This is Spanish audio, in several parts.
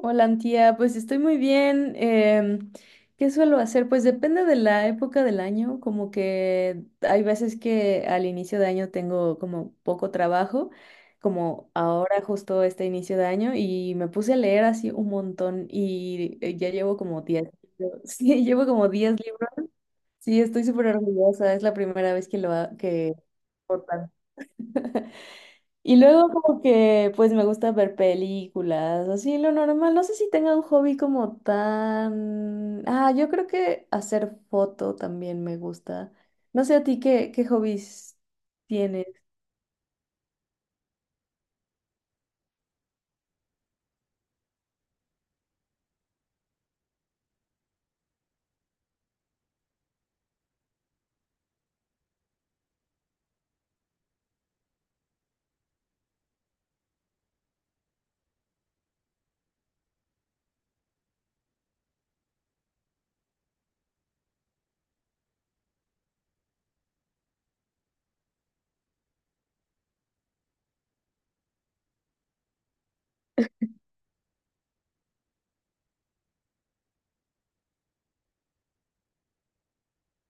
Hola, Antía, pues estoy muy bien. ¿Qué suelo hacer? Pues depende de la época del año, como que hay veces que al inicio de año tengo como poco trabajo, como ahora justo este inicio de año, y me puse a leer así un montón y ya llevo como 10 libros. Sí, llevo como 10 libros. Sí, estoy súper orgullosa, es la primera vez que lo hago, que... Y luego como que pues me gusta ver películas, así lo normal. No sé si tenga un hobby como tan... Ah, yo creo que hacer foto también me gusta. No sé a ti qué hobbies tienes.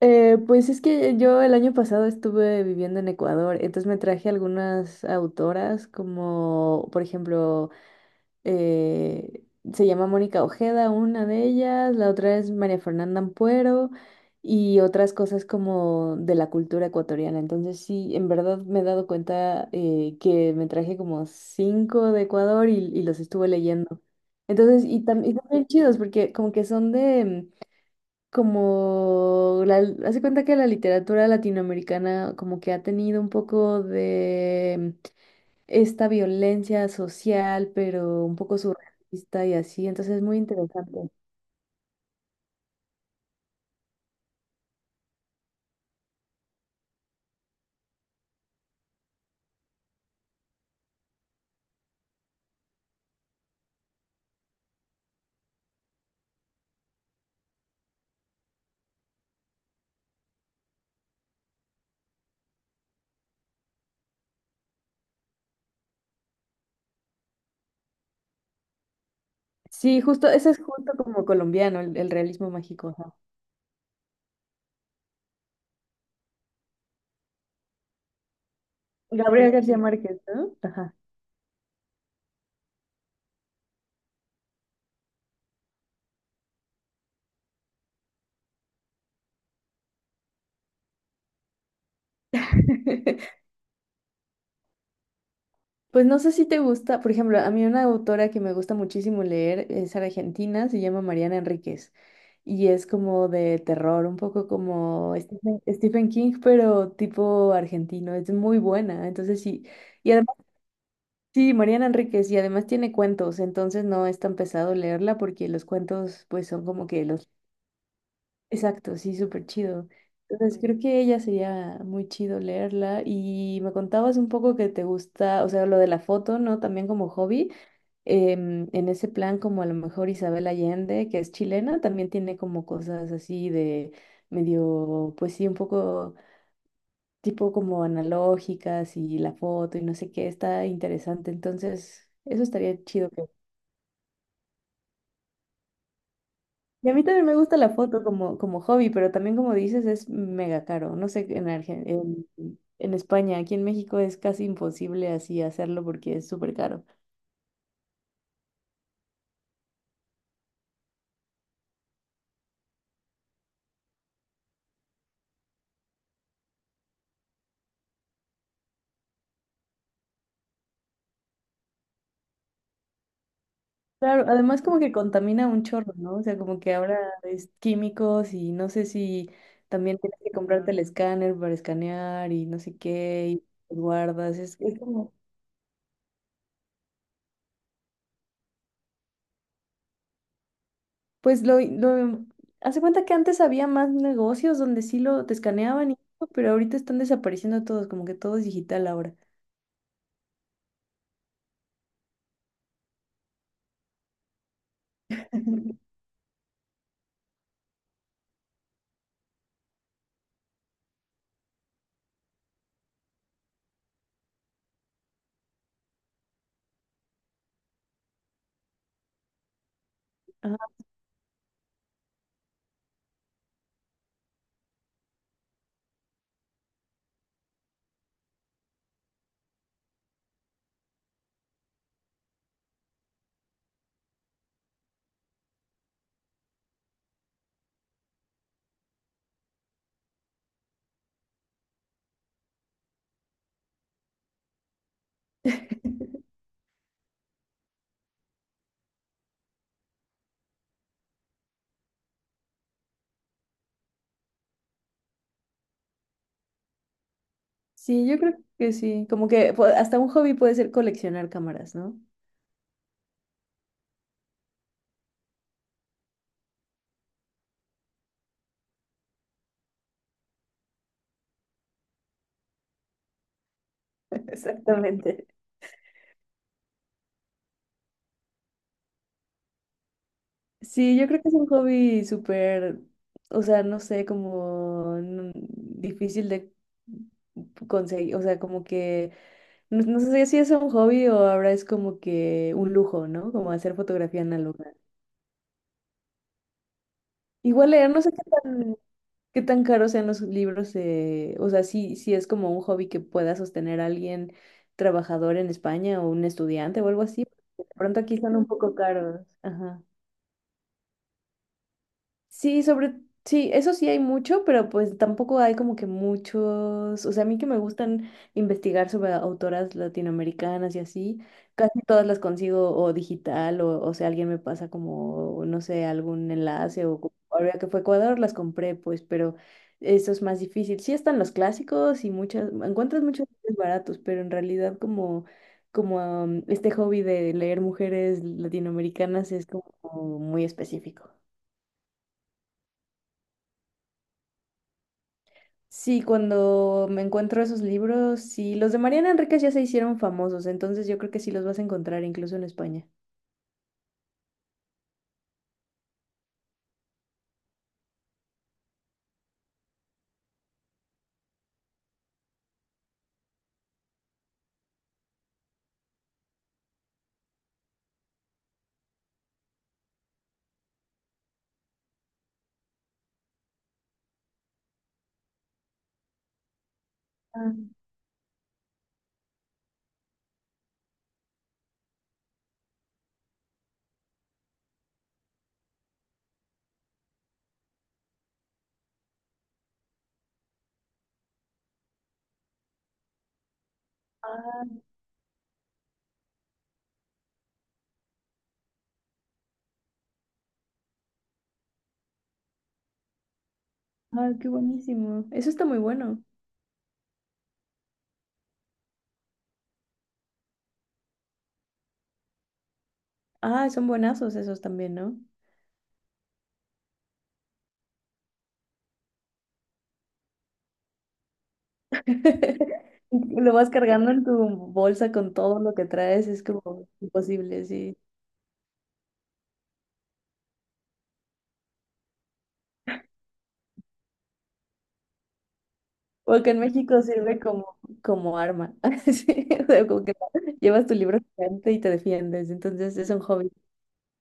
Pues es que yo el año pasado estuve viviendo en Ecuador, entonces me traje algunas autoras como por ejemplo eh, se llama Mónica Ojeda, una de ellas, la otra es María Fernanda Ampuero y otras cosas como de la cultura ecuatoriana. Entonces sí, en verdad me he dado cuenta que me traje como cinco de Ecuador y los estuve leyendo. Entonces, y también chidos porque como que son de... mm, como hace cuenta que la literatura latinoamericana como que ha tenido un poco de esta violencia social, pero un poco surrealista y así, entonces es muy interesante. Sí, justo, ese es justo como colombiano, el realismo mágico. Ajá. Gabriel García Márquez, ¿no? Ajá. Pues no sé si te gusta, por ejemplo, a mí una autora que me gusta muchísimo leer es argentina, se llama Mariana Enríquez y es como de terror, un poco como Stephen King, pero tipo argentino, es muy buena, entonces sí, y sí, Mariana Enríquez, y además tiene cuentos, entonces no es tan pesado leerla porque los cuentos pues son como que los... Exacto, sí, súper chido. Entonces creo que ella sería muy chido leerla y me contabas un poco que te gusta, o sea, lo de la foto, ¿no? También como hobby, en ese plan como a lo mejor Isabel Allende, que es chilena, también tiene como cosas así de medio, pues sí, un poco tipo como analógicas y la foto y no sé qué, está interesante. Entonces, eso estaría chido. Y a mí también me gusta la foto como hobby, pero también como dices es mega caro. No sé, en España, aquí en México es casi imposible así hacerlo porque es súper caro. Claro, además como que contamina un chorro, ¿no? O sea, como que ahora es químicos y no sé si también tienes que comprarte el escáner para escanear y no sé qué, y los guardas. Es como, pues lo, lo, hace cuenta que antes había más negocios donde sí lo te escaneaban y todo, pero ahorita están desapareciendo todos, como que todo es digital ahora. Ajá. Sí, yo creo que sí. Como que hasta un hobby puede ser coleccionar cámaras, ¿no? Exactamente. Sí, yo creo que es un hobby súper, o sea, no sé, difícil de conseguir, o sea, como que, no, no sé si es un hobby o ahora es como que un lujo, ¿no? Como hacer fotografía análoga. Igual leer, no sé qué tan... ¿Qué tan caros sean los libros? O sea, si es como un hobby que pueda sostener a alguien trabajador en España o un estudiante o algo así. De pronto aquí son un poco caros. Ajá. Sí, sobre, sí, eso sí hay mucho, pero pues tampoco hay como que muchos, o sea, a mí que me gustan investigar sobre autoras latinoamericanas y así, casi todas las consigo o digital o sea, alguien me pasa como, no sé, algún enlace ahora que fue Ecuador las compré, pues, pero eso es más difícil. Sí están los clásicos y muchas, encuentras muchos libros baratos, pero en realidad como, como este hobby de leer mujeres latinoamericanas es como muy específico. Sí, cuando me encuentro esos libros, sí, los de Mariana Enríquez ya se hicieron famosos, entonces yo creo que sí los vas a encontrar incluso en España. Ah, ah, qué buenísimo. Eso está muy bueno. Ah, son buenazos esos también, ¿no? Lo vas cargando en tu bolsa con todo lo que traes, es como imposible, sí. Porque en México sirve como, como arma, sí, o sea, como que llevas tu libro gigante y te defiendes, entonces es un hobby,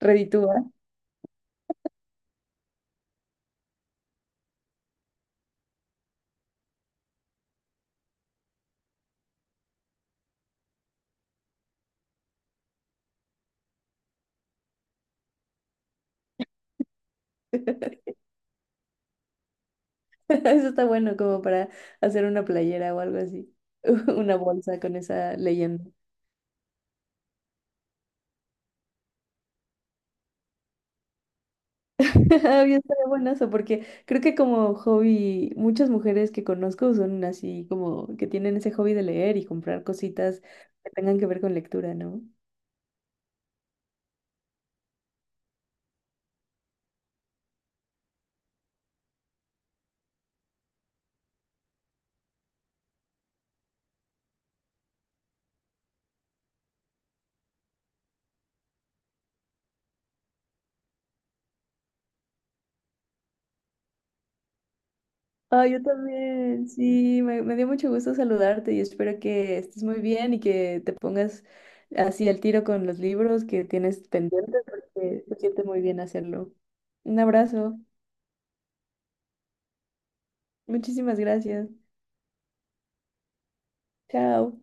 reditúa. Eso está bueno como para hacer una playera o algo así. Una bolsa con esa leyenda. Había estado buenazo porque creo que como hobby, muchas mujeres que conozco son así como que tienen ese hobby de leer y comprar cositas que tengan que ver con lectura, ¿no? Ah, yo también. Sí, me dio mucho gusto saludarte y espero que estés muy bien y que te pongas así al tiro con los libros que tienes pendientes porque se siente muy bien hacerlo. Un abrazo. Muchísimas gracias. Chao.